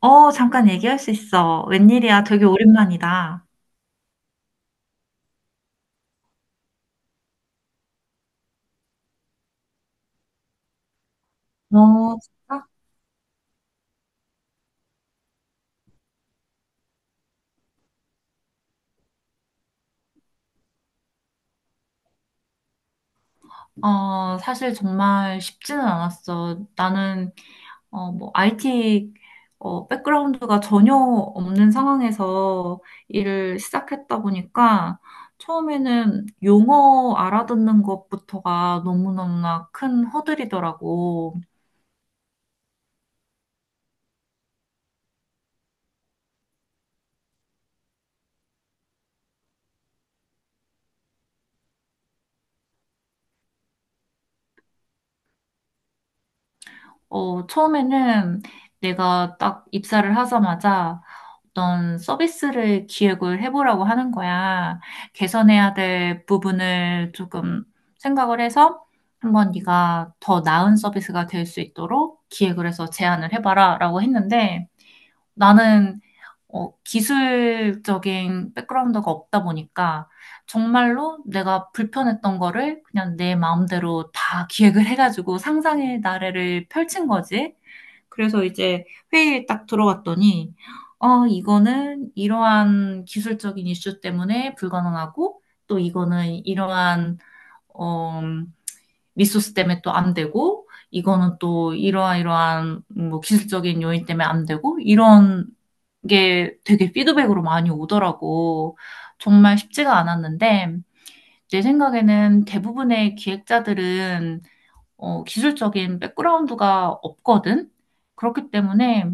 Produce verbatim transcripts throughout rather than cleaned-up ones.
어, 잠깐 얘기할 수 있어. 웬일이야. 되게 오랜만이다. 어, 진짜? 어, 사실 정말 쉽지는 않았어. 나는, 어, 뭐, 아이티, 어, 백그라운드가 전혀 없는 상황에서 일을 시작했다 보니까 처음에는 용어 알아듣는 것부터가 너무너무나 큰 허들이더라고. 어, 처음에는 내가 딱 입사를 하자마자 어떤 서비스를 기획을 해보라고 하는 거야. 개선해야 될 부분을 조금 생각을 해서 한번 네가 더 나은 서비스가 될 수 있도록 기획을 해서 제안을 해봐라라고 했는데 나는 어, 기술적인 백그라운드가 없다 보니까 정말로 내가 불편했던 거를 그냥 내 마음대로 다 기획을 해가지고 상상의 나래를 펼친 거지. 그래서 이제 회의에 딱 들어갔더니, 어, 이거는 이러한 기술적인 이슈 때문에 불가능하고, 또 이거는 이러한, 어, 리소스 때문에 또 안 되고, 이거는 또 이러한 이러한 뭐 기술적인 요인 때문에 안 되고, 이런 게 되게 피드백으로 많이 오더라고. 정말 쉽지가 않았는데, 내 생각에는 대부분의 기획자들은 어, 기술적인 백그라운드가 없거든? 그렇기 때문에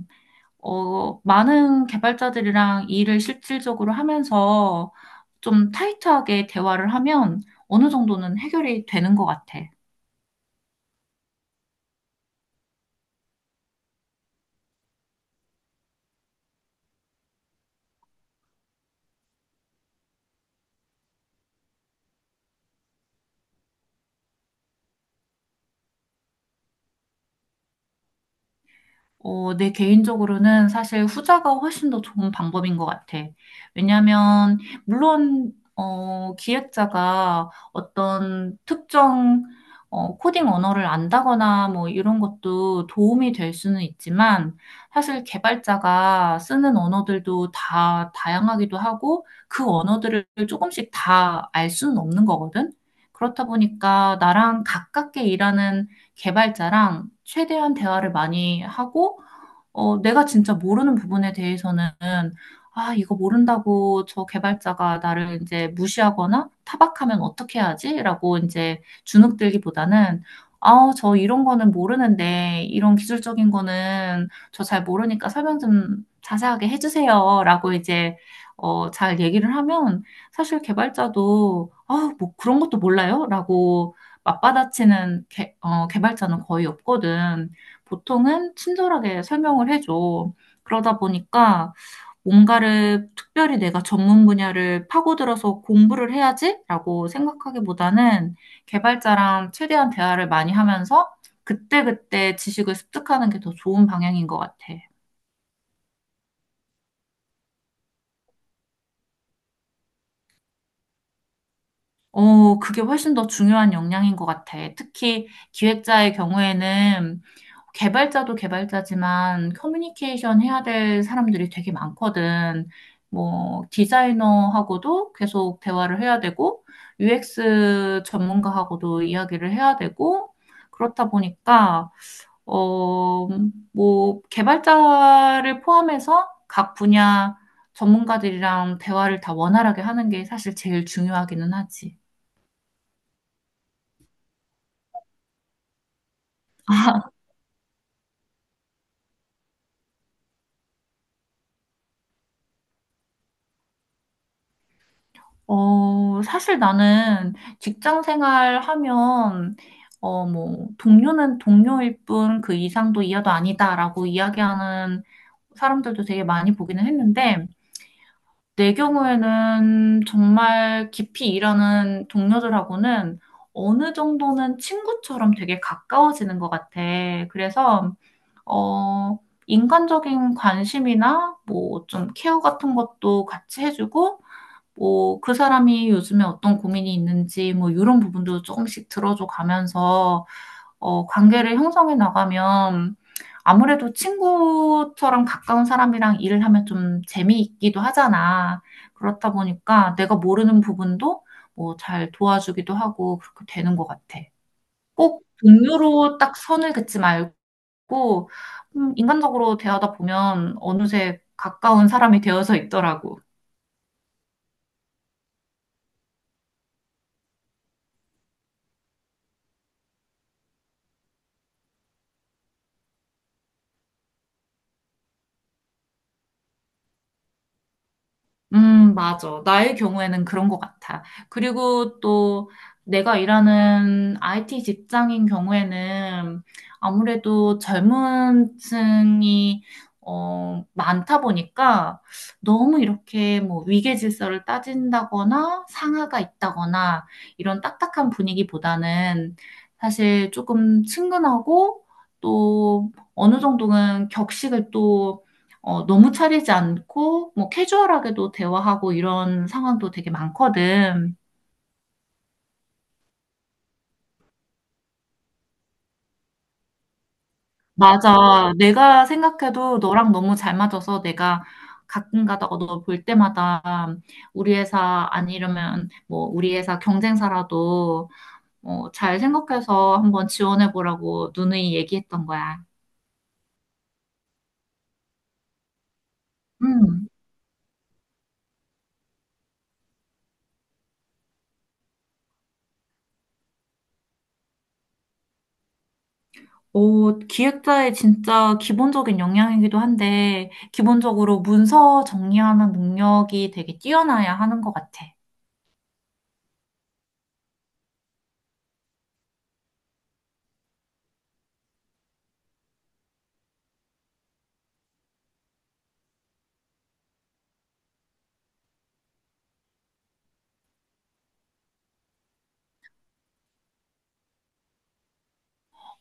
어, 많은 개발자들이랑 일을 실질적으로 하면서 좀 타이트하게 대화를 하면 어느 정도는 해결이 되는 것 같아. 어, 내 개인적으로는 사실 후자가 훨씬 더 좋은 방법인 것 같아. 왜냐하면 물론 어, 기획자가 어떤 특정 어, 코딩 언어를 안다거나 뭐 이런 것도 도움이 될 수는 있지만 사실 개발자가 쓰는 언어들도 다 다양하기도 하고 그 언어들을 조금씩 다 알 수는 없는 거거든. 그렇다 보니까 나랑 가깝게 일하는 개발자랑 최대한 대화를 많이 하고 어, 내가 진짜 모르는 부분에 대해서는, 아, 이거 모른다고 저 개발자가 나를 이제 무시하거나 타박하면 어떻게 하지? 라고 이제 주눅 들기보다는, 아, 저 이런 거는 모르는데, 이런 기술적인 거는 저 잘 모르니까 설명 좀 자세하게 해주세요. 라고 이제, 어, 잘 얘기를 하면, 사실 개발자도, 아, 뭐 그런 것도 몰라요? 라고 맞받아치는 개, 어, 개발자는 거의 없거든. 보통은 친절하게 설명을 해줘. 그러다 보니까 뭔가를 특별히 내가 전문 분야를 파고들어서 공부를 해야지라고 생각하기보다는 개발자랑 최대한 대화를 많이 하면서 그때그때 지식을 습득하는 게 더 좋은 방향인 것 같아. 어, 그게 훨씬 더 중요한 역량인 것 같아. 특히 기획자의 경우에는 개발자도 개발자지만 커뮤니케이션 해야 될 사람들이 되게 많거든. 뭐, 디자이너하고도 계속 대화를 해야 되고, 유엑스 전문가하고도 이야기를 해야 되고, 그렇다 보니까, 어, 뭐, 개발자를 포함해서 각 분야 전문가들이랑 대화를 다 원활하게 하는 게 사실 제일 중요하기는 하지. 어, 사실 나는 직장 생활 하면, 어, 뭐, 동료는 동료일 뿐 그 이상도 이하도 아니다라고 이야기하는 사람들도 되게 많이 보기는 했는데, 내 경우에는 정말 깊이 일하는 동료들하고는 어느 정도는 친구처럼 되게 가까워지는 것 같아. 그래서, 어, 인간적인 관심이나 뭐 좀 케어 같은 것도 같이 해주고, 뭐, 그 사람이 요즘에 어떤 고민이 있는지, 뭐, 이런 부분도 조금씩 들어줘 가면서, 어, 관계를 형성해 나가면, 아무래도 친구처럼 가까운 사람이랑 일을 하면 좀 재미있기도 하잖아. 그렇다 보니까 내가 모르는 부분도 뭐 잘 도와주기도 하고 그렇게 되는 것 같아. 꼭 동료로 딱 선을 긋지 말고, 음, 인간적으로 대하다 보면 어느새 가까운 사람이 되어서 있더라고. 음, 맞아. 나의 경우에는 그런 것 같아. 그리고 또 내가 일하는 아이티 직장인 경우에는 아무래도 젊은 층이 어, 많다 보니까 너무 이렇게 뭐 위계 질서를 따진다거나 상하가 있다거나 이런 딱딱한 분위기보다는 사실 조금 친근하고 또 어느 정도는 격식을 또 어, 너무 차리지 않고, 뭐, 캐주얼하게도 대화하고 이런 상황도 되게 많거든. 맞아. 내가 생각해도 너랑 너무 잘 맞아서 내가 가끔 가다가 너 볼 때마다 우리 회사 아니려면 뭐, 우리 회사 경쟁사라도 어, 잘 생각해서 한번 지원해 보라고 누누이 얘기했던 거야. 음. 어, 기획자의 진짜 기본적인 역량이기도 한데, 기본적으로 문서 정리하는 능력이 되게 뛰어나야 하는 것 같아.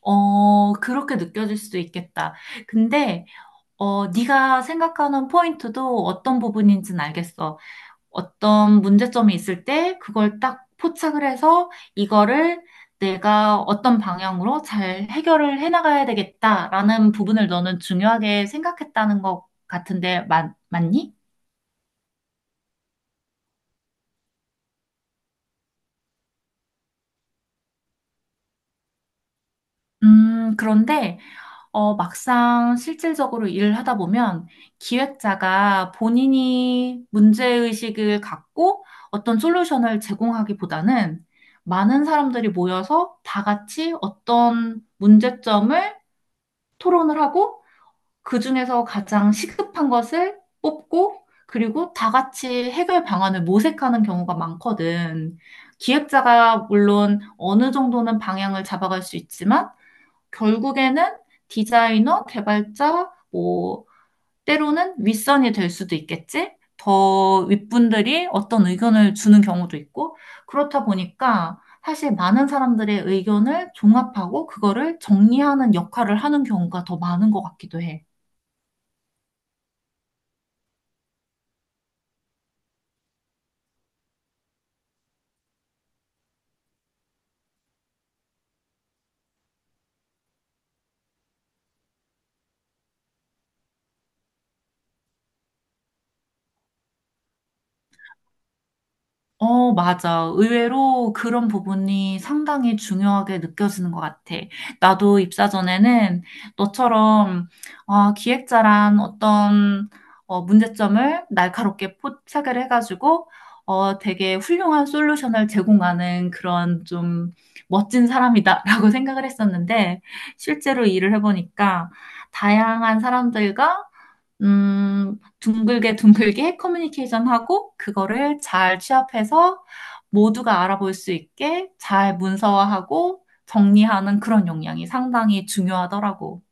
어, 그렇게 느껴질 수도 있겠다. 근데, 어, 네가 생각하는 포인트도 어떤 부분인지는 알겠어. 어떤 문제점이 있을 때 그걸 딱 포착을 해서 이거를 내가 어떤 방향으로 잘 해결을 해나가야 되겠다라는 부분을 너는 중요하게 생각했다는 것 같은데, 맞, 맞니? 음, 그런데 어, 막상 실질적으로 일을 하다 보면 기획자가 본인이 문제의식을 갖고 어떤 솔루션을 제공하기보다는 많은 사람들이 모여서 다 같이 어떤 문제점을 토론을 하고 그중에서 가장 시급한 것을 뽑고 그리고 다 같이 해결 방안을 모색하는 경우가 많거든. 기획자가 물론 어느 정도는 방향을 잡아갈 수 있지만 결국에는 디자이너, 개발자, 뭐, 때로는 윗선이 될 수도 있겠지? 더 윗분들이 어떤 의견을 주는 경우도 있고, 그렇다 보니까 사실 많은 사람들의 의견을 종합하고 그거를 정리하는 역할을 하는 경우가 더 많은 것 같기도 해. 어, 맞아. 의외로 그런 부분이 상당히 중요하게 느껴지는 것 같아. 나도 입사 전에는 너처럼 아, 기획자란 어떤 어, 문제점을 날카롭게 포착을 해가지고 어, 되게 훌륭한 솔루션을 제공하는 그런 좀 멋진 사람이다라고 생각을 했었는데 실제로 일을 해보니까 다양한 사람들과 음, 둥글게 둥글게 커뮤니케이션 하고, 그거를 잘 취합해서 모두가 알아볼 수 있게 잘 문서화하고 정리하는 그런 역량이 상당히 중요하더라고.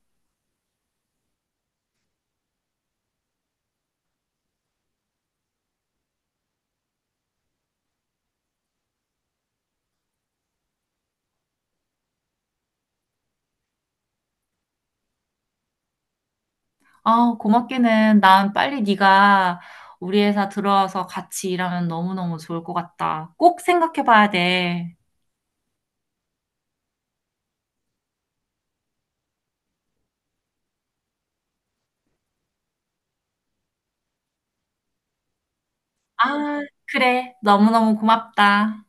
아, 고맙기는 난 빨리 네가 우리 회사 들어와서 같이 일하면 너무너무 좋을 것 같다. 꼭 생각해 봐야 돼. 아, 그래. 너무너무 고맙다.